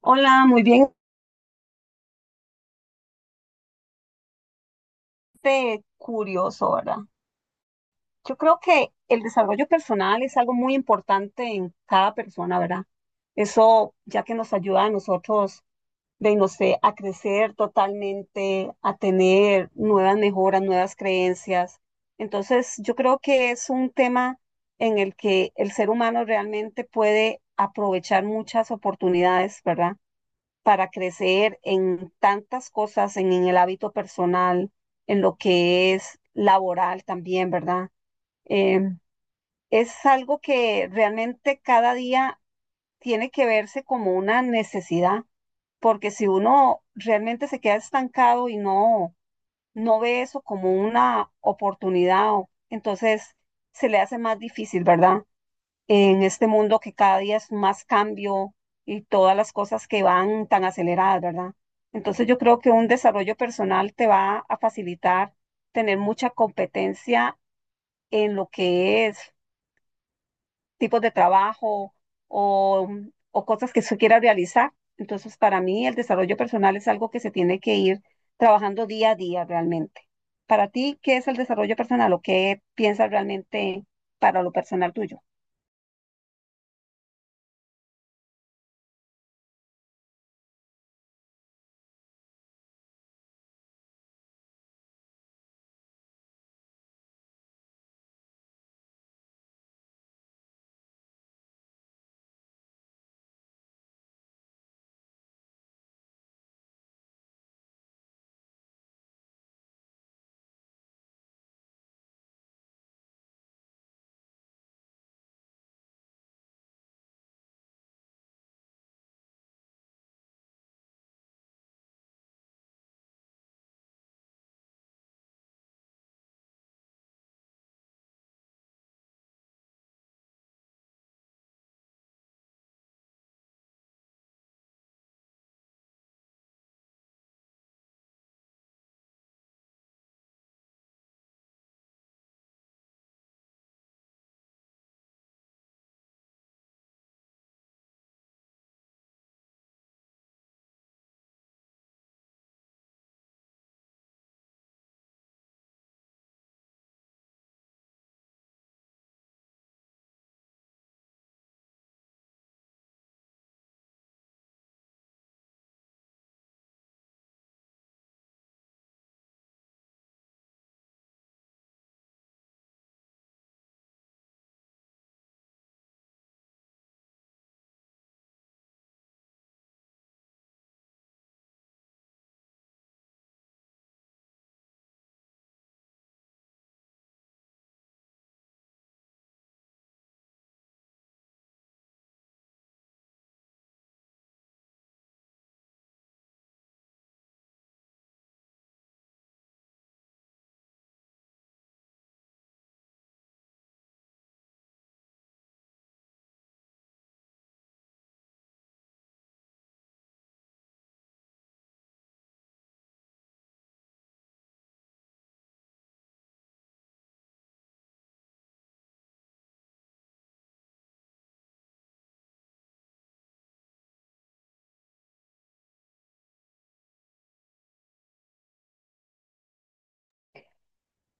Hola, muy bien, curioso, ¿verdad? Yo creo que el desarrollo personal es algo muy importante en cada persona, ¿verdad? Eso ya que nos ayuda a nosotros, de no sé, a crecer totalmente, a tener nuevas mejoras, nuevas creencias. Entonces, yo creo que es un tema en el que el ser humano realmente puede aprovechar muchas oportunidades, ¿verdad? Para crecer en tantas cosas, en el hábito personal, en lo que es laboral también, ¿verdad? Eh, es algo que realmente cada día tiene que verse como una necesidad, porque si uno realmente se queda estancado y no ve eso como una oportunidad, entonces se le hace más difícil, ¿verdad? En este mundo que cada día es más cambio y todas las cosas que van tan aceleradas, ¿verdad? Entonces yo creo que un desarrollo personal te va a facilitar tener mucha competencia en lo que es tipos de trabajo o, o cosas que se quiera realizar. Entonces para mí el desarrollo personal es algo que se tiene que ir trabajando día a día realmente. Para ti, ¿qué es el desarrollo personal o qué piensas realmente para lo personal tuyo?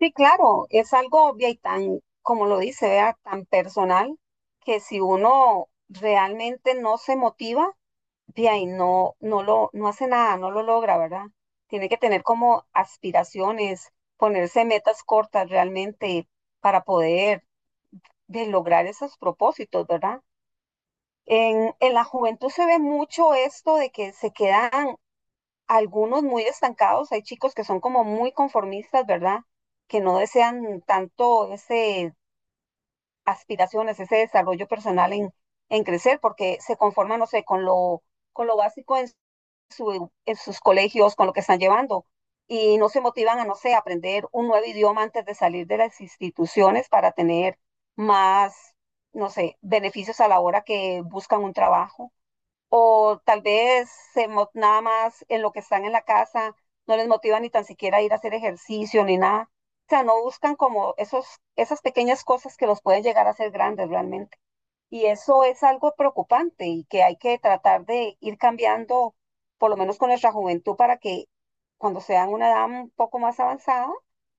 Sí, claro, es algo obvio y tan, como lo dice, vea, tan personal que si uno realmente no se motiva, vea y no hace nada, no lo logra, ¿verdad? Tiene que tener como aspiraciones, ponerse metas cortas realmente para poder de lograr esos propósitos, ¿verdad? En la juventud se ve mucho esto de que se quedan algunos muy estancados, hay chicos que son como muy conformistas, ¿verdad? Que no desean tanto ese aspiraciones, ese desarrollo personal en crecer, porque se conforman, no sé, con lo básico en, su, en sus colegios, con lo que están llevando, y no se motivan a, no sé, aprender un nuevo idioma antes de salir de las instituciones para tener más, no sé, beneficios a la hora que buscan un trabajo o tal vez nada más en lo que están en la casa no les motiva ni tan siquiera a ir a hacer ejercicio ni nada. O sea, no buscan como esos, esas pequeñas cosas que los pueden llegar a hacer grandes realmente. Y eso es algo preocupante y que hay que tratar de ir cambiando, por lo menos con nuestra juventud, para que cuando sean una edad un poco más avanzada,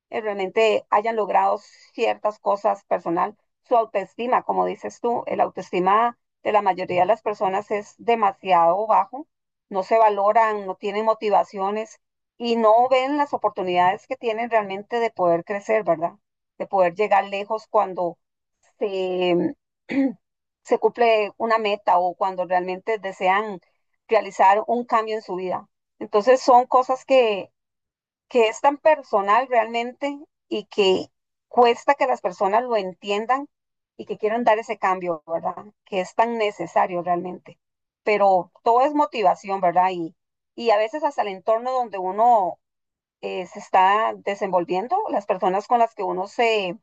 realmente hayan logrado ciertas cosas personal. Su autoestima, como dices tú, el autoestima de la mayoría de las personas es demasiado bajo, no se valoran, no tienen motivaciones y no ven las oportunidades que tienen realmente de poder crecer, ¿verdad? De poder llegar lejos cuando se, se cumple una meta o cuando realmente desean realizar un cambio en su vida. Entonces son cosas que es tan personal realmente y que cuesta que las personas lo entiendan y que quieran dar ese cambio, ¿verdad? Que es tan necesario realmente. Pero todo es motivación, ¿verdad? Y a veces hasta el entorno donde uno se está desenvolviendo, las personas con las que uno se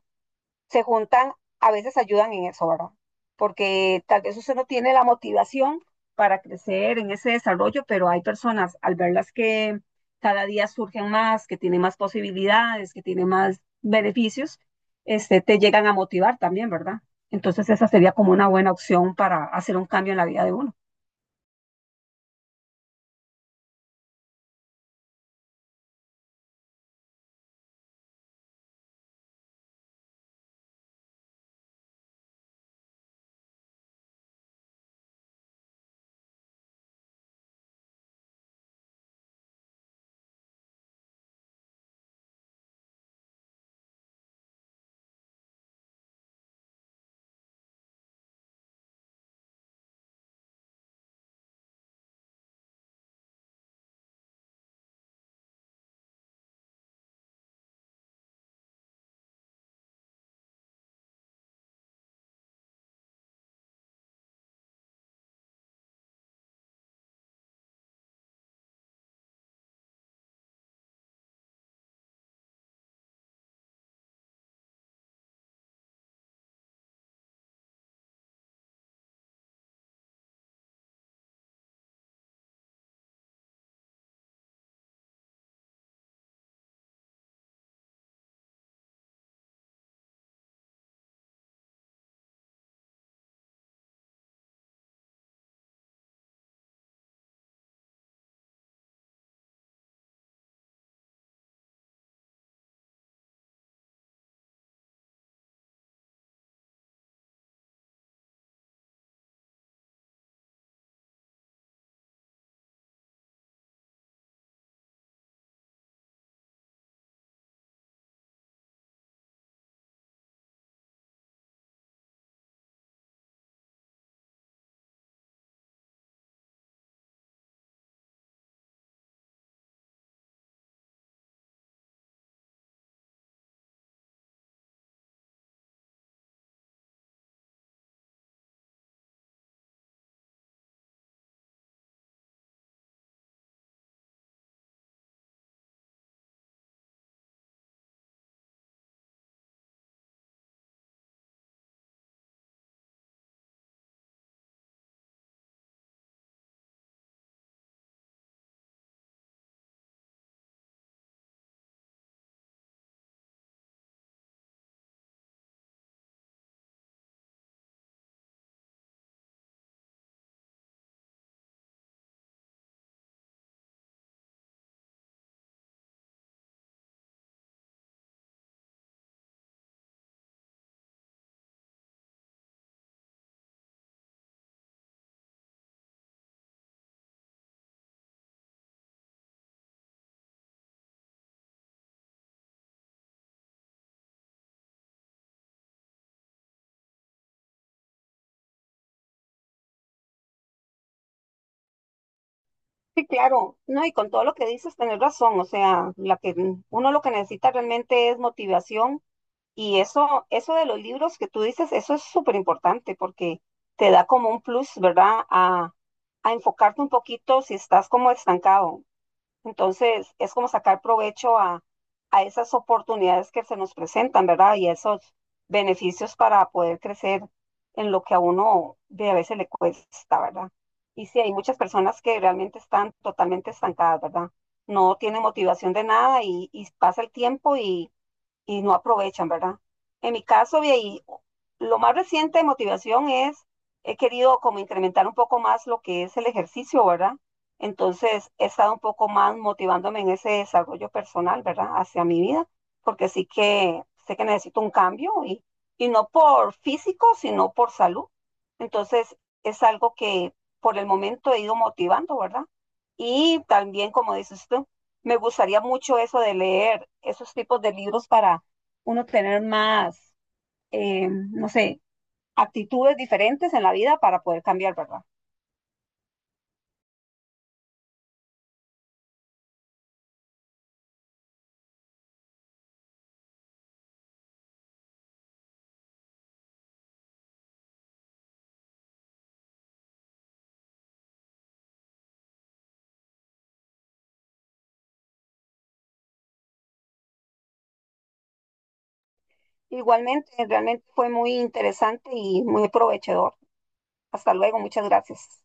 se juntan, a veces ayudan en eso, ¿verdad? Porque tal vez usted no tiene la motivación para crecer en ese desarrollo, pero hay personas al verlas que cada día surgen más, que tienen más posibilidades, que tienen más beneficios, te llegan a motivar también, ¿verdad? Entonces esa sería como una buena opción para hacer un cambio en la vida de uno. Sí, claro, no, y con todo lo que dices, tenés razón, o sea, la que uno lo que necesita realmente es motivación. Y eso de los libros que tú dices, eso es súper importante porque te da como un plus, ¿verdad? A enfocarte un poquito si estás como estancado. Entonces, es como sacar provecho a esas oportunidades que se nos presentan, ¿verdad? Y a esos beneficios para poder crecer en lo que a uno de a veces le cuesta, ¿verdad? Y sí, hay muchas personas que realmente están totalmente estancadas, ¿verdad? No tienen motivación de nada y pasa el tiempo y no aprovechan, ¿verdad? En mi caso, de ahí, lo más reciente de motivación es, he querido como incrementar un poco más lo que es el ejercicio, ¿verdad? Entonces, he estado un poco más motivándome en ese desarrollo personal, ¿verdad? Hacia mi vida, porque sí que sé que necesito un cambio y no por físico, sino por salud. Entonces, es algo que por el momento he ido motivando, ¿verdad? Y también, como dice usted, me gustaría mucho eso de leer esos tipos de libros para uno tener más, no sé, actitudes diferentes en la vida para poder cambiar, ¿verdad? Igualmente, realmente fue muy interesante y muy aprovechador. Hasta luego, muchas gracias.